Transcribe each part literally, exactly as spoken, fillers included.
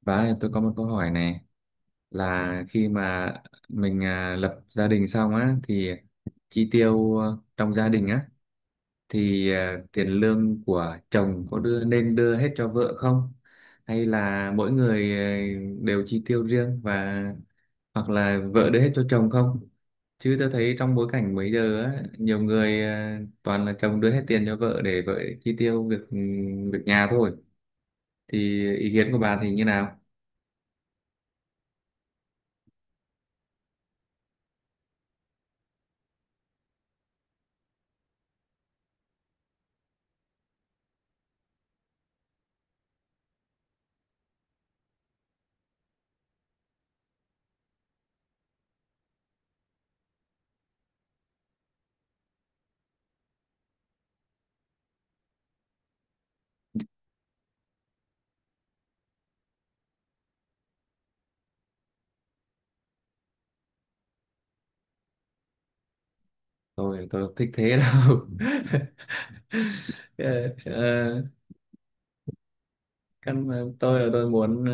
Bà ơi, tôi có một câu hỏi này là khi mà mình à, lập gia đình xong á thì chi tiêu à, trong gia đình á thì à, tiền lương của chồng có đưa nên đưa hết cho vợ không? Hay là mỗi người à, đều chi tiêu riêng và hoặc là vợ đưa hết cho chồng không? Chứ tôi thấy trong bối cảnh bây giờ á nhiều người à, toàn là chồng đưa hết tiền cho vợ để vợ chi tiêu việc ừ, việc nhà thôi. Thì ý kiến của bà thì như nào? tôi tôi không thích thế đâu. Ờ, ờ, căn tôi là tôi muốn ờ,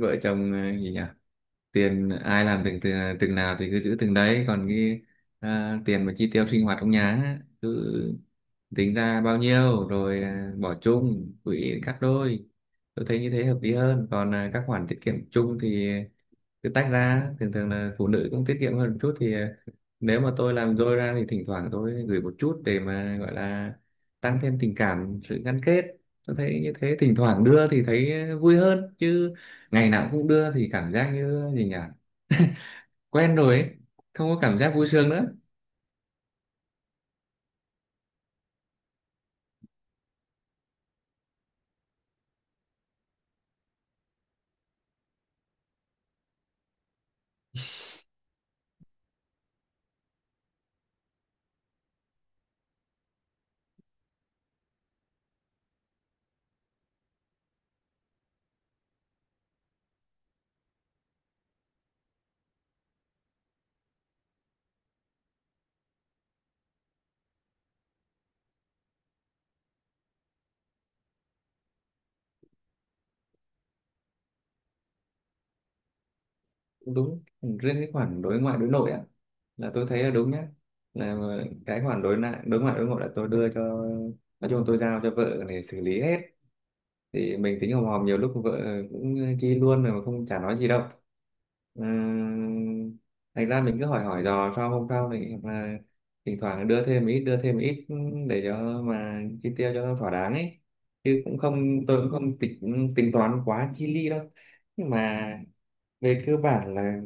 vợ chồng, ờ, gì nhỉ, tiền ai làm từng từng, từng nào thì cứ giữ từng đấy, còn cái à, tiền mà chi tiêu sinh hoạt trong nhà á, cứ tính ra bao nhiêu rồi à, bỏ chung quỹ cắt đôi. Tôi thấy như thế hợp lý hơn. Còn à, các khoản tiết kiệm chung thì cứ tách ra, thường thường là phụ nữ cũng tiết kiệm hơn một chút, thì à, nếu mà tôi làm dôi ra thì thỉnh thoảng tôi gửi một chút để mà gọi là tăng thêm tình cảm, sự gắn kết. Tôi thấy như thế thỉnh thoảng đưa thì thấy vui hơn chứ, ngày nào cũng đưa thì cảm giác như gì nhỉ, quen rồi ấy, không có cảm giác vui sướng nữa. Đúng, riêng cái khoản đối ngoại đối nội á là tôi thấy là đúng nhá, là cái khoản đối ngoại đối ngoại đối nội là tôi đưa cho, nói chung tôi giao cho vợ để xử lý hết. Thì mình tính hòm hòm, nhiều lúc vợ cũng chi luôn rồi mà không chả nói gì đâu. Ờ, thành ra mình cứ hỏi hỏi dò sau, hôm sau thì mà thỉnh thoảng đưa thêm ít, đưa thêm ít để cho mà chi tiêu cho nó thỏa đáng ấy. Chứ cũng không, tôi cũng không tính tính toán quá chi ly đâu, nhưng mà về cơ bản là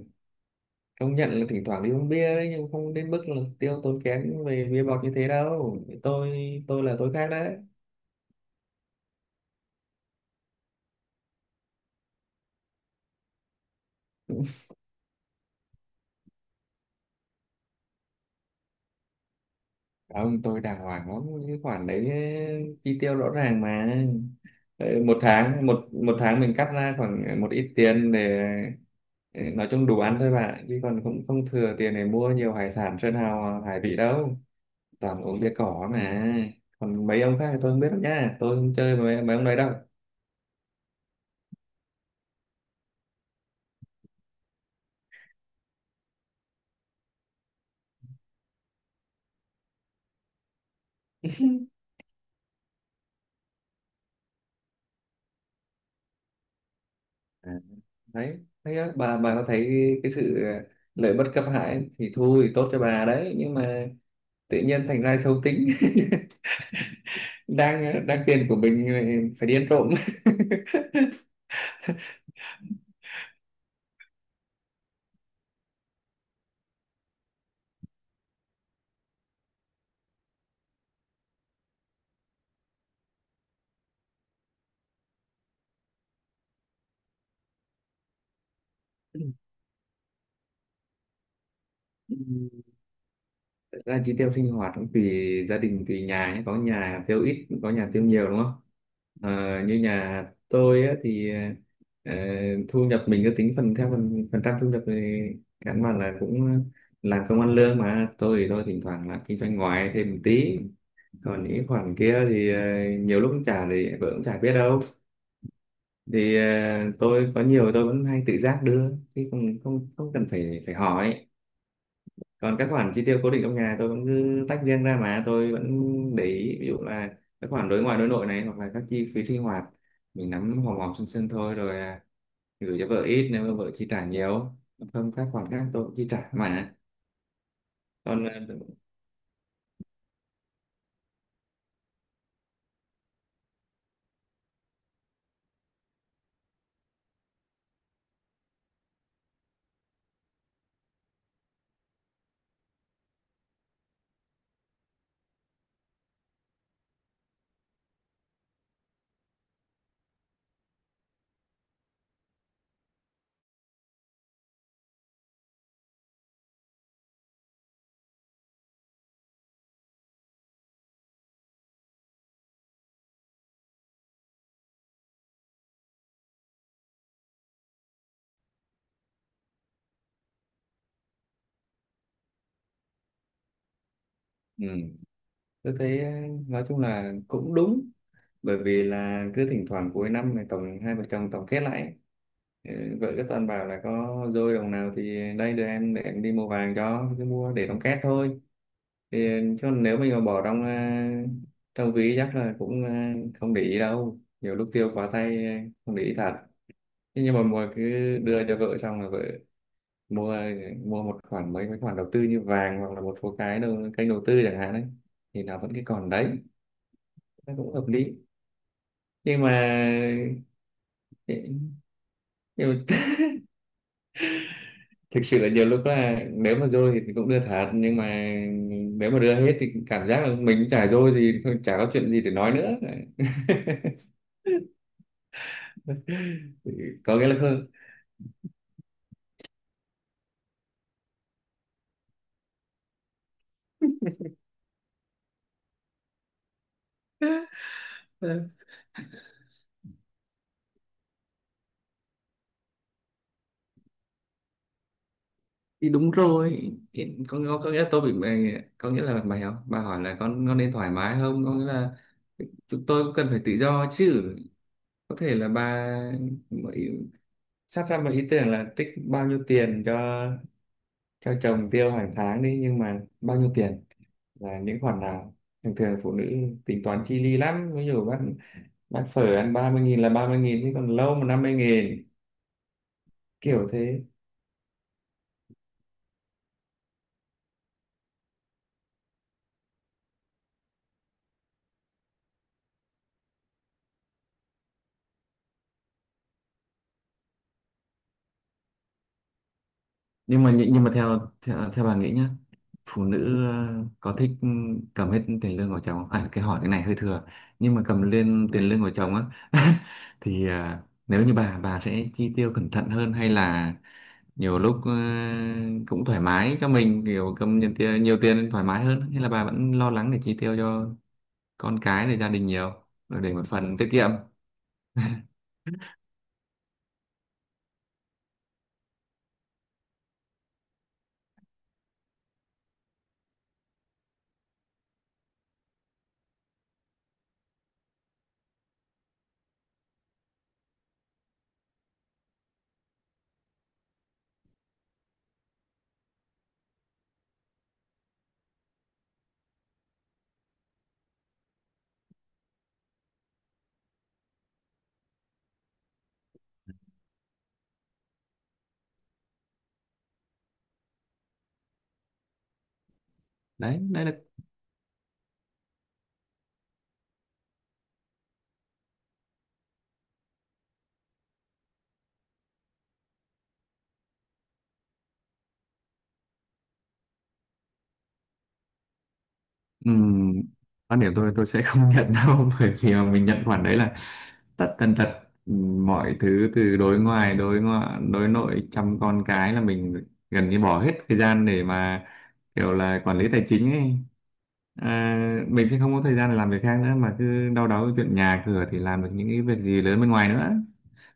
công nhận là thỉnh thoảng đi uống bia đấy, nhưng không đến mức là tiêu tốn kém về bia bọt như thế đâu. Tôi tôi là tôi khác đấy. Ông tôi đàng hoàng lắm cái khoản đấy, chi tiêu rõ ràng mà. Ờ, một tháng một một tháng mình cắt ra khoảng một ít tiền để để nói chung đủ ăn thôi bạn, chứ còn cũng không thừa tiền để mua nhiều hải sản sơn hào hải vị đâu, toàn uống bia cỏ mà. Còn mấy ông khác thì tôi không biết đâu nha, tôi không chơi với mấy, mấy ông đấy đâu. À, đấy thấy á, bà bà có thấy cái sự lợi bất cập hại, thì thôi tốt cho bà đấy, nhưng mà tự nhiên thành ra xấu tính. Đang ờ, đang tiền của mình ờ, phải đi ăn trộm. Ừ. Thật ra chi tiêu sinh hoạt cũng tùy gia đình, tùy nhà nhé. Có nhà tiêu ít, có nhà tiêu nhiều, đúng không? Ờ, như nhà tôi á, thì ờ, ờ, thu nhập mình cứ tính phần theo phần phần trăm thu nhập, thì căn bản là cũng làm công ăn lương mà, tôi thì tôi thỉnh thoảng là kinh doanh ngoài thêm một tí, còn những khoản kia thì ờ, nhiều lúc cũng trả thì vợ cũng chả biết đâu. Thì ờ, tôi có nhiều tôi vẫn hay tự giác đưa, chứ không không không cần phải phải hỏi. Còn các khoản chi tiêu cố định trong nhà tôi vẫn cứ tách riêng ra, mà tôi vẫn để ý, ví dụ là các khoản đối ngoại đối nội này, hoặc là các chi phí sinh hoạt mình nắm hòm hòm sân sân thôi, rồi à, gửi cho vợ ít nếu mà vợ chi trả nhiều, không các khoản khác tôi cũng chi trả mà. Còn à, ừ, tôi thấy à, nói chung là cũng đúng, bởi vì là cứ thỉnh thoảng cuối năm này tổng hai vợ chồng tổng kết lại, ừ, vợ cứ toàn bảo là có dôi đồng nào thì đây đưa em để em đi mua vàng cho, cứ mua để đóng két thôi. Thì chứ nếu mình mà bỏ trong à, trong ví chắc là cũng à, không để ý đâu, nhiều lúc tiêu quá tay à, không để ý thật. Thế nhưng mà mua, cứ đưa cho vợ xong là vợ mua, mua một khoản mấy mấy khoản đầu tư như vàng, hoặc là một số cái đầu, kênh đầu tư chẳng hạn đấy, thì nó vẫn cái còn đấy, nó cũng hợp lý. Nhưng mà ờ, nhưng mà thực sự là nhiều lúc là nếu mà dôi thì cũng đưa thật, nhưng mà nếu mà đưa hết thì cảm giác là mình chả dôi gì, chả có chuyện gì để nói nữa. Có nghĩa là không. Ờ, thì đúng rồi, thì có, có, có nghĩa là tôi bị mày- có nghĩa là mày học bà hỏi là con con nên thoải mái, không có nghĩa là chúng tôi cũng cần phải tự do chứ. Có thể là bà mới sắp ra một ý tưởng là trích bao nhiêu tiền cho cho chồng tiêu hàng tháng đi, nhưng mà bao nhiêu tiền là những khoản nào, thường thường phụ nữ tính toán chi li lắm, ví dụ bác bác phở ăn ba mươi nghìn là ba mươi nghìn chứ còn lâu mà năm mươi nghìn, kiểu thế. Nhưng mà, nhưng mà theo theo, theo bà nghĩ nhá, phụ nữ ờ, có thích ừ, cầm hết tiền lương của chồng không? À, cái hỏi cái này hơi thừa, nhưng mà cầm lên tiền lương của chồng á. Thì ờ, nếu như bà bà sẽ chi tiêu cẩn thận hơn, hay là nhiều lúc ờ, cũng thoải mái cho mình, kiểu cầm nhiều tiền, nhiều tiền thoải mái hơn, hay là bà vẫn lo lắng để chi tiêu cho con cái, để gia đình nhiều, rồi để một phần tiết kiệm. Đấy, đấy là. Ừm, quan điểm tôi tôi sẽ không nhận đâu bởi vì mà mình nhận khoản đấy là tất tần tật mọi thứ, từ đối ngoài đối ngoại đối nội, chăm con cái là mình gần như bỏ hết thời gian để mà kiểu là quản lý tài chính ấy, à, mình sẽ không có thời gian để làm việc khác nữa, mà cứ đau đáu cái chuyện nhà cửa thì làm được những cái việc gì lớn bên ngoài nữa.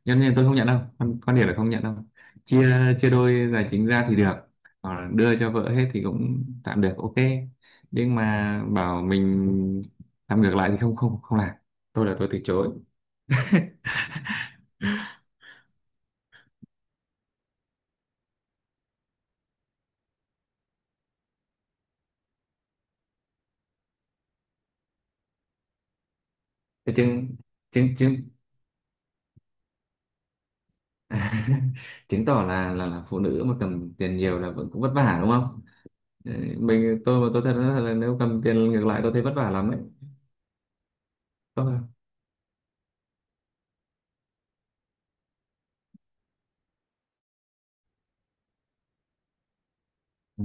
Cho nên tôi không nhận đâu, quan, quan điểm là không nhận đâu. Chia chia đôi tài chính ra thì được, còn đưa cho vợ hết thì cũng tạm được, ok. Nhưng mà bảo mình làm ngược lại thì không không không làm, tôi là tôi từ chối. Thế chứng chứng chứng chứng tỏ là, là là phụ nữ mà cầm tiền nhiều là vẫn cũng vất vả, đúng không? Ừ, mình tôi mà tôi thật là là nếu cầm tiền ngược lại tôi thấy vất vả lắm đấy. Có không? Ừ,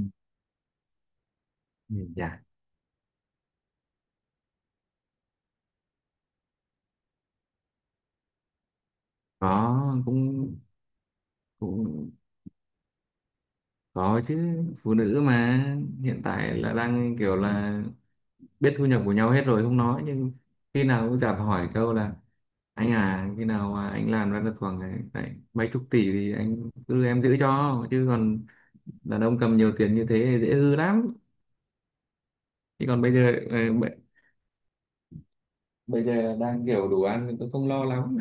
ừ, dạ. Có, cũng cũng có chứ, phụ nữ mà, hiện tại là đang kiểu là biết thu nhập của nhau hết rồi không nói, nhưng khi nào cũng chả hỏi câu là anh à, khi nào mà anh làm ra được khoảng ấy, đấy, mấy chục tỷ thì anh cứ em giữ cho, chứ còn đàn ông cầm nhiều tiền như thế thì dễ hư lắm. Chứ còn bây giờ ờ, b- bây giờ đang kiểu đủ ăn thì tôi không lo lắm.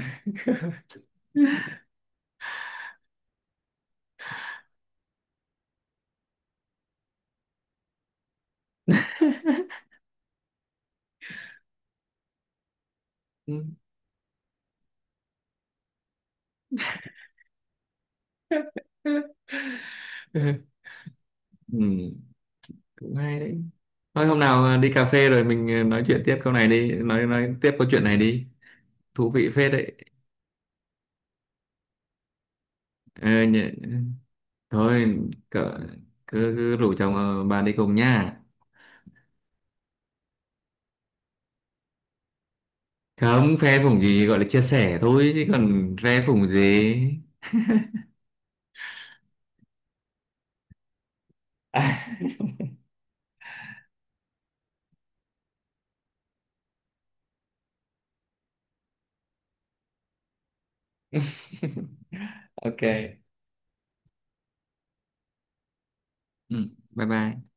Ừ, cũng hay đấy, thôi hôm nào ờ, đi cà phê rồi mình ờ, nói chuyện tiếp câu này đi, nói nói tiếp câu chuyện này đi, thú vị phết đấy. Ờ, nhỉ- thôi, cỡ, cứ, cứ rủ chồng ờ, bà đi cùng nha. Không phe phủng gì, gọi là chia sẻ thôi, chứ còn phe phủng gì. ok. Ừ, bye bye.